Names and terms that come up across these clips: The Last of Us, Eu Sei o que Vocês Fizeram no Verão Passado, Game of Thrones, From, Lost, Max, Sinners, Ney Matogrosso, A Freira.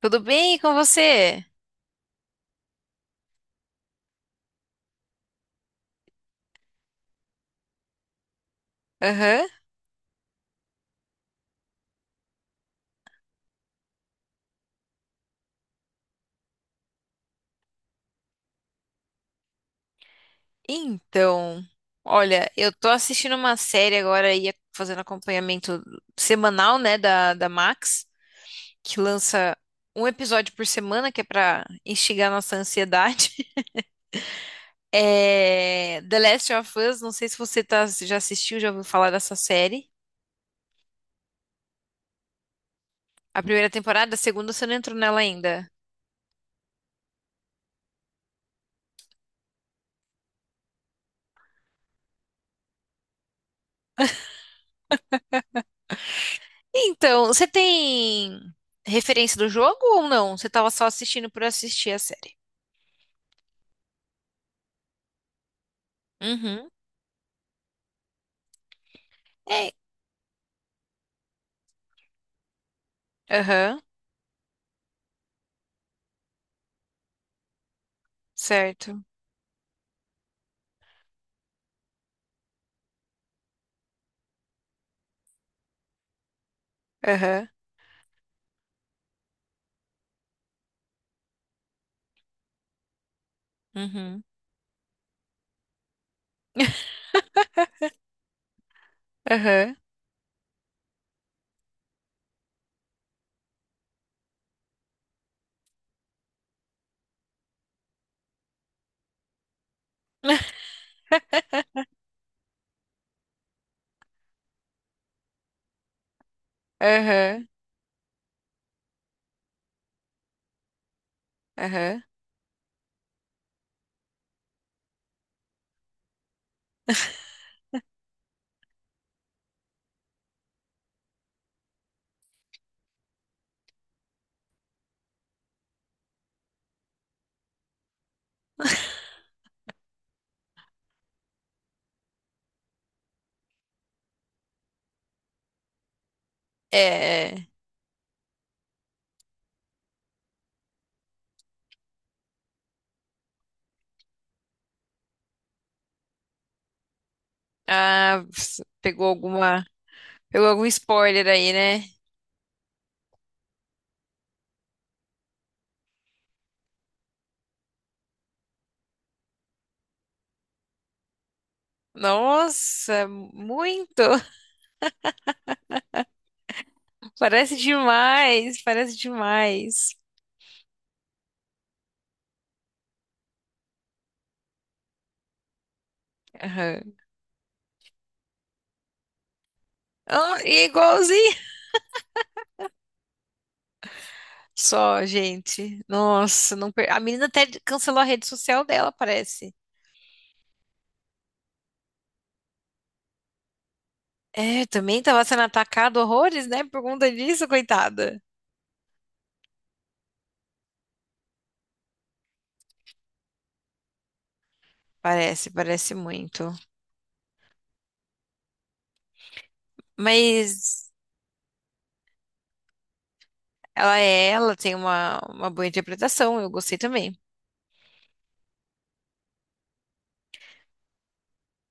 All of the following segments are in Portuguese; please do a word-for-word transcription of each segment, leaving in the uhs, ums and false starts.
Tudo bem com você? Aham. Então, olha, eu tô assistindo uma série agora e fazendo acompanhamento semanal, né, da, da Max, que lança um episódio por semana, que é pra instigar nossa ansiedade. É The Last of Us, não sei se você tá, já assistiu, já ouviu falar dessa série. A primeira temporada, a segunda você não entrou nela ainda. Então, você tem referência do jogo ou não? Você tava só assistindo por assistir a série? Uhum. É. Aham, certo. Aham, uhum, aham, aham, aham. É, é. Ah, ps- pegou alguma, pegou algum spoiler aí, né? Nossa, muito! Parece demais, parece demais. Aham. Ah, e é igualzinho. Só, gente. Nossa, não per... A menina até cancelou a rede social dela, parece. É, também tava sendo atacada horrores, né? Por conta disso, coitada. Parece, parece muito. Mas ela é ela, tem uma, uma boa interpretação, eu gostei também.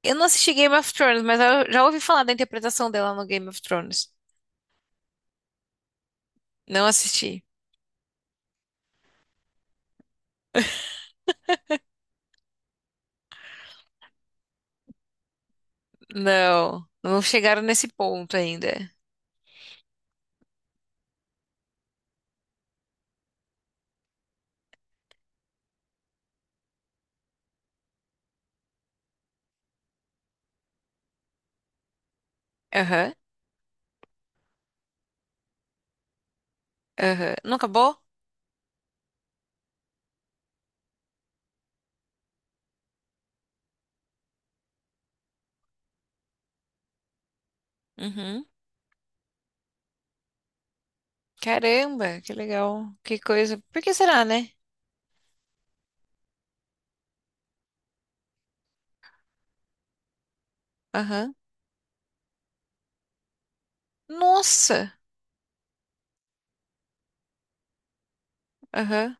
Eu não assisti Game of Thrones, mas eu já ouvi falar da interpretação dela no Game of Thrones. Não assisti. Não, não chegaram nesse ponto ainda. Aham, aham. Não acabou? Uhum. Caramba, que legal. Que coisa. Por que será, né? Aham. Nossa. Aham.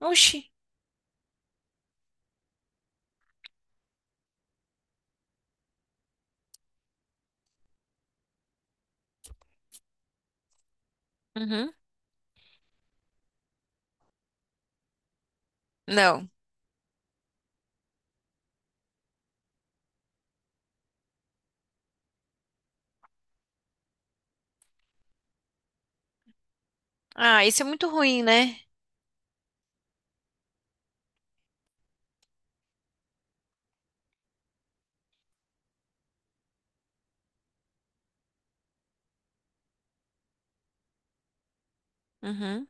Oxi. Uhum. Não. Ah, isso é muito ruim, né? Uhum.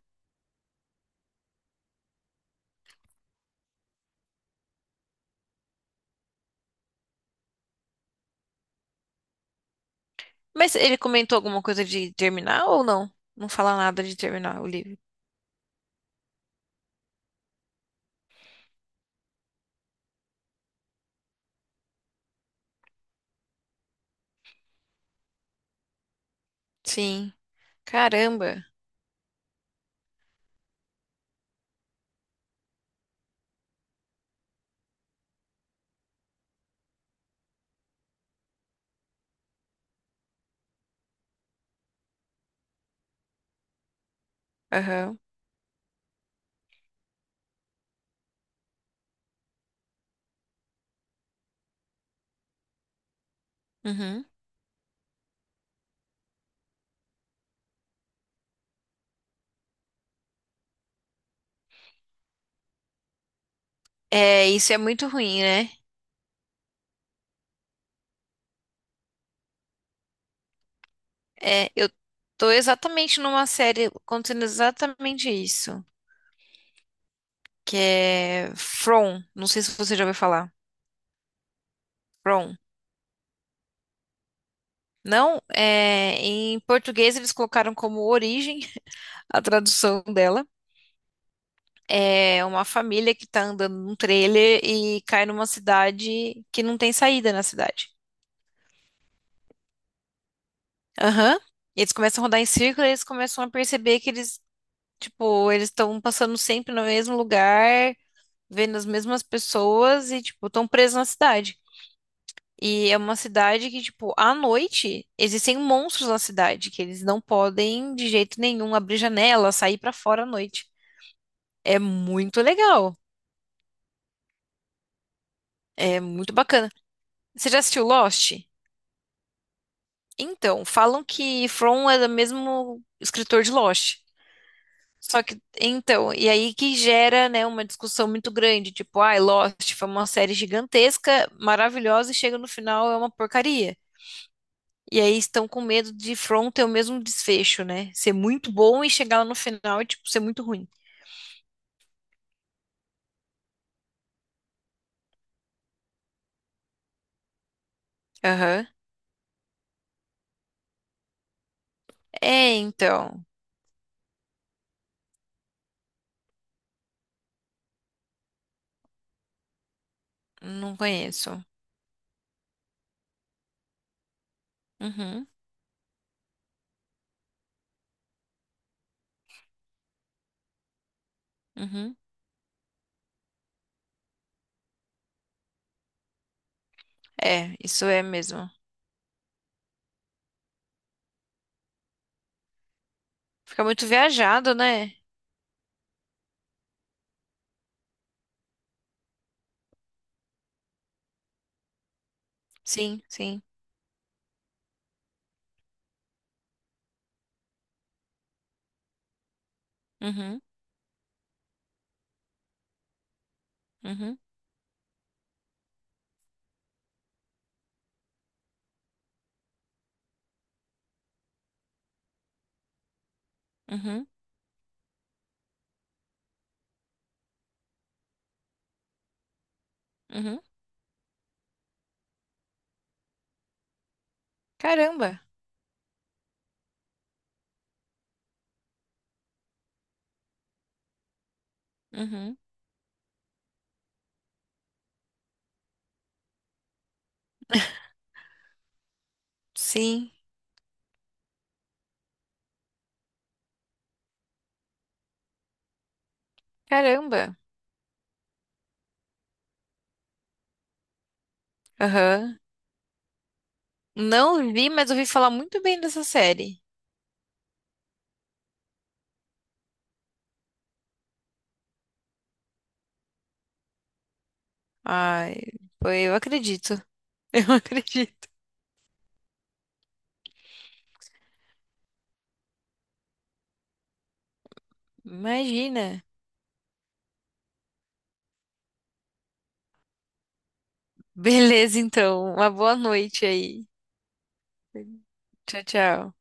Mas ele comentou alguma coisa de terminar ou não? Não fala nada de terminar o livro. Sim. Caramba. Aham. Uhum. É, isso é muito ruim, né? É, eu tô exatamente numa série acontecendo exatamente isso, que é From. Não sei se você já ouviu falar. From. Não, é, em português eles colocaram como origem, a tradução dela. É uma família que tá andando num trailer e cai numa cidade que não tem saída na cidade. Aham. E eles começam a rodar em círculo, e eles começam a perceber que eles, tipo, eles estão passando sempre no mesmo lugar, vendo as mesmas pessoas e, tipo, estão presos na cidade. E é uma cidade que, tipo, à noite existem monstros na cidade, que eles não podem de jeito nenhum abrir janela, sair pra fora à noite. É muito legal, é muito bacana. Você já assistiu Lost? Então, falam que From é do mesmo escritor de Lost. Só que, então, e aí que gera, né, uma discussão muito grande, tipo, ai, Lost foi uma série gigantesca, maravilhosa, e chega no final é uma porcaria. E aí estão com medo de From ter o mesmo desfecho, né? Ser muito bom e chegar lá no final e, tipo, ser muito ruim. Aham. É, então, não conheço. Uhum, uhum. É, isso é mesmo. Fica muito viajado, né? Sim, sim. Uhum, uhum, uhum, uhum. Caramba. Uhum. Sim, caramba. Aham. Não vi, mas ouvi falar muito bem dessa série. Ai, foi- eu acredito. Eu acredito. Imagina. Beleza, então. Uma boa noite aí. Tchau, tchau.